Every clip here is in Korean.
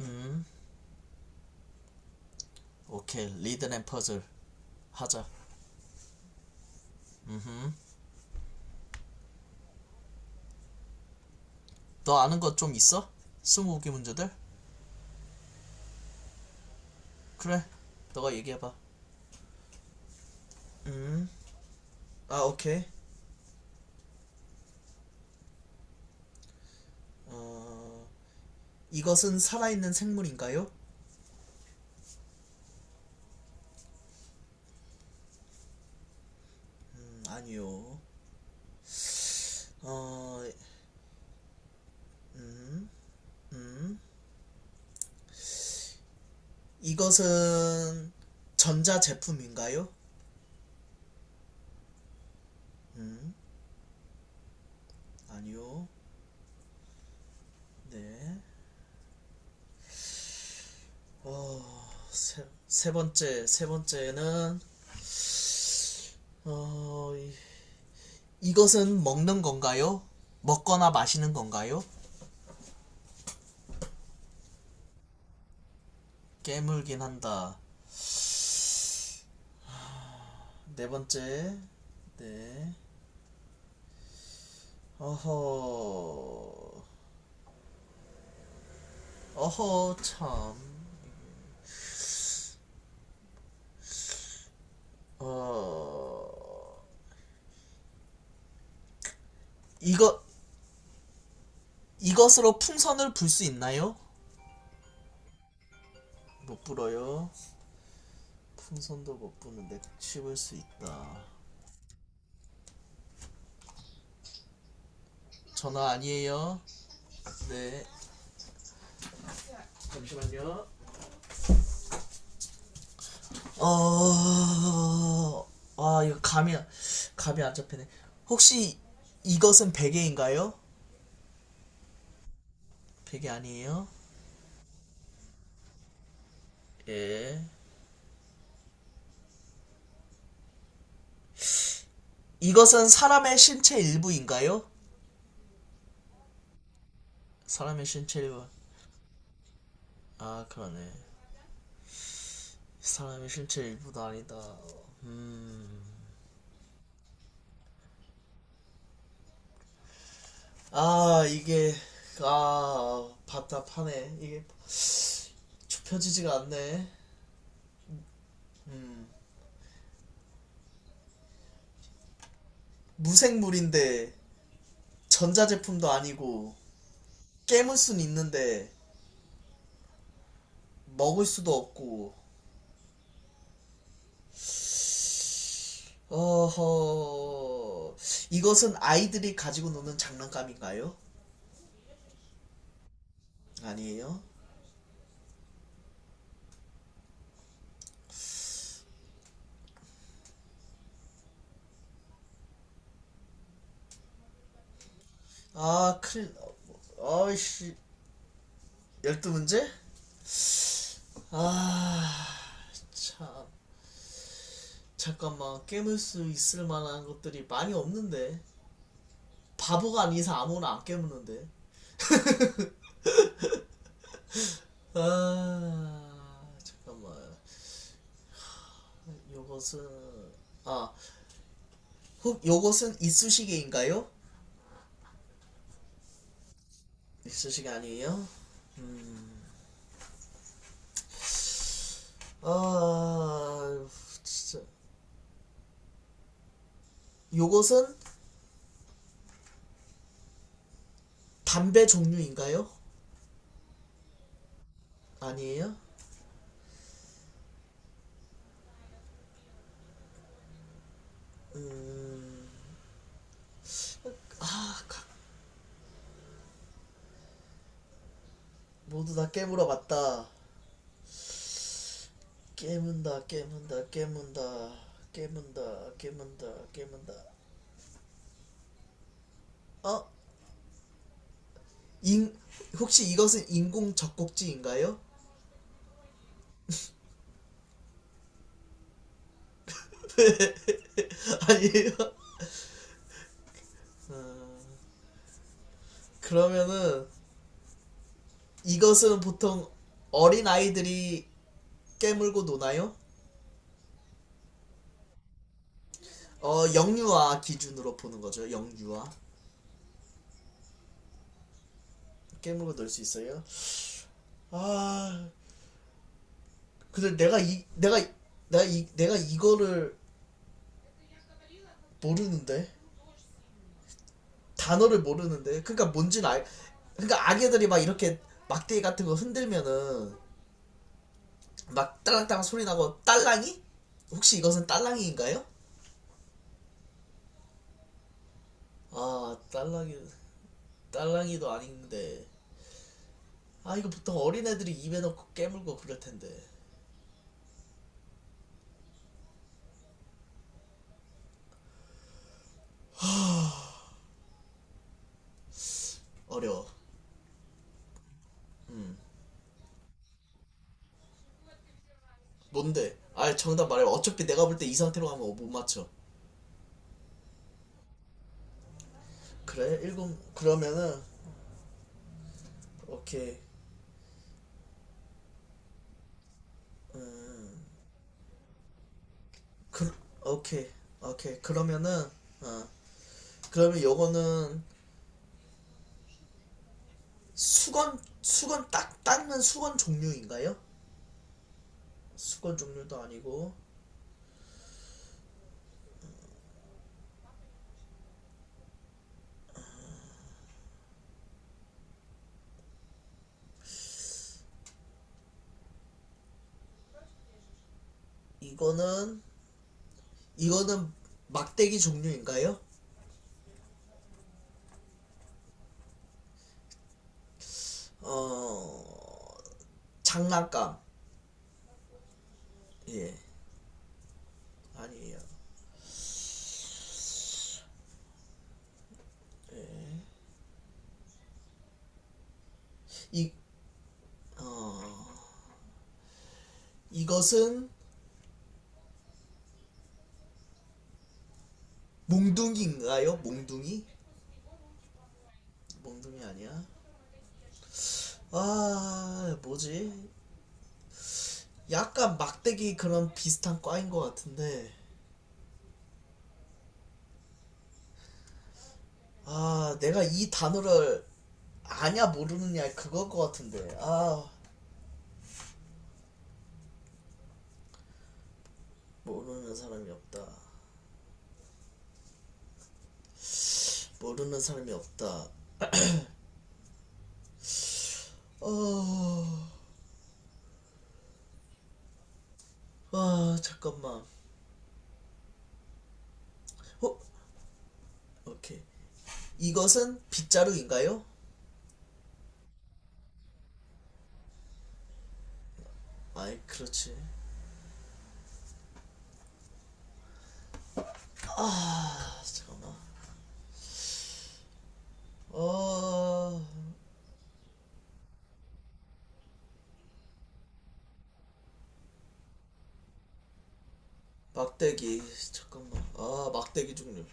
음, 오케이. 리든 앤 퍼즐 하자. 음, 너 아는 거 좀 있어? 스무고개 문제들? 그래, 너가 얘기해봐. 음, 오케이. 어, 이것은 살아있는 생물인가요? 아니요. 어, 음, 음, 이것은 전자 제품인가요? 음, 아니요. 네. 세 번째는, 어, 이, 이것은 먹는 건가요? 먹거나 마시는 건가요? 깨물긴 한다. 네 번째. 네. 어허. 어허, 참. 어. 이거, 이것으로 풍선을 불 수 있나요? 못 불어요. 풍선도 못 부는데 씹을 수 있다. 전화 아니에요? 네. 잠시만요. 어. 아, 이거 감이 안 잡히네. 혹시 이것은 베개인가요? 베개 아니에요? 예. 이것은 사람의 신체 일부인가요? 사람의 신체 일부. 아, 그러네. 사람의 신체 일부도 아니다. 음. 아, 답답하네. 이게 좁혀지지가 않네. 음. 무생물인데, 전자제품도 아니고, 깨물 순 있는데, 먹을 수도 없고, 어허, 이것은 아이들이 가지고 노는 장난감인가요? 아니에요. 아, 큰일, 나. 아이씨, 열두 문제. 아, 참. 잠깐만, 깨물 수 있을 만한 것들이 많이 없는데. 바보가 아닌 이상 아무거나 안 깨무는데. 아, 잠깐만. 요것은, 아, 혹 요것은 이쑤시개인가요? 이쑤시개 아니에요? 음, 아, 진짜. 요것은 담배 종류인가요? 아니에요? 음... 아, 모두 다 깨물어 봤다. 깨문다, 깨문다, 깨문다, 깨문다, 깨문다, 깨문다. 어? 인... 혹시 이것은 인공 젖꼭지인가요? 아니에요? 음, 그러면은 이것은 보통 어린 아이들이 깨물고 노나요? 영유아 기준으로 보는 거죠. 영유아. 깨물고 놀 수 있어요? 아, 근데 내가 이 내가 이- 내가 이 내가 이거를 모르는데 단어를 모르는데 그러니까 뭔지는 알 그러니까 아기들이 막 이렇게 막대기 같은 거 흔들면은 막 딸랑딸랑 소리 나고 딸랑이 혹시 이것은 딸랑이인가요? 아, 딸랑이. 딸랑이도 아닌데 아, 이거 보통 어린애들이 입에 넣고 깨물고 그럴 텐데 어려워. 뭔데? 아, 정답 말해. 어차피 내가 볼 때 이 상태로 가면 못 맞춰. 그래, 일곱. 그러면은 오케이. 음 그 오케이, 오케이, 그러면은 어 그러면 요거는 수건 수건 딱 닦는 수건 종류인가요? 수건 종류도 아니고 이거는 이거는 막대기 종류인가요? 어 장난감. 예. 아니에요. 이 어 이것은 몽둥이인가요? 몽둥이. 몽둥이 아니야. 아, 뭐지. 약간 막대기 그런 비슷한 과인 것 같은데 아, 내가 이 단어를 아냐 모르느냐 그걸 것 같은데. 아, 모르는 사람이 없다. 모르는 사람이 없다. 어, 아, 잠깐만. 어, 오케이. 이것은 빗자루인가요? 아이, 그렇지. 아, 잠깐만. 어, 막대기. 잠깐만. 아, 막대기 종류.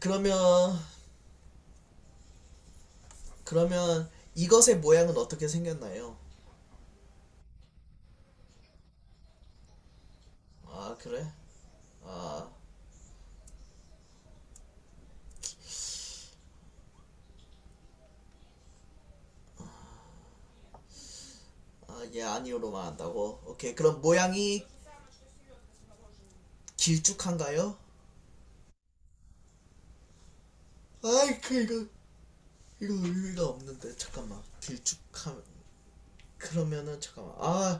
그러면, 그러면 이것의 모양은 어떻게 생겼나요? 아, 그래? 아, 아, 예, 아니요로만 한다고? 오케이, 그럼 모양이 길쭉한가요? 아이, 이거 의미가 없는데, 잠깐만. 길쭉하면, 그러면은, 잠깐만. 아,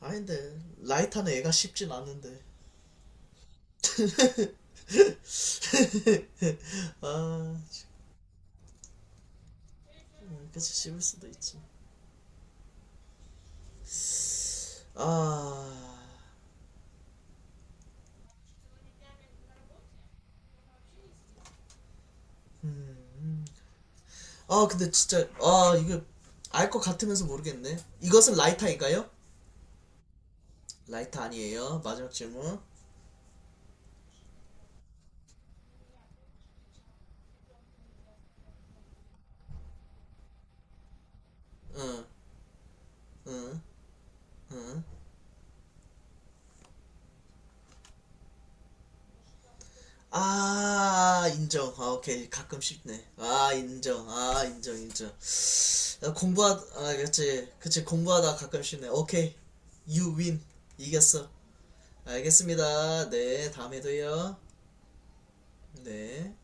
아닌데. 라이터는 애가 쉽진 않은데. 아, 그치, 씹을 수도 있지. 아, 음, 음. 아, 근데 진짜, 아, 알 것 같으면서 모르겠네. 이것은 라이터인가요? 라이터 아니에요. 마지막 질문. 응, 응, 응. 아, 인정. 아, 오케이. 가끔 쉽네. 아, 인정. 아, 인정, 인정. 나 공부하 아, 그치, 그치, 공부하다 가끔 쉽네. 오케이. You win. 이겼어. 알겠습니다. 네, 다음에도요. 네.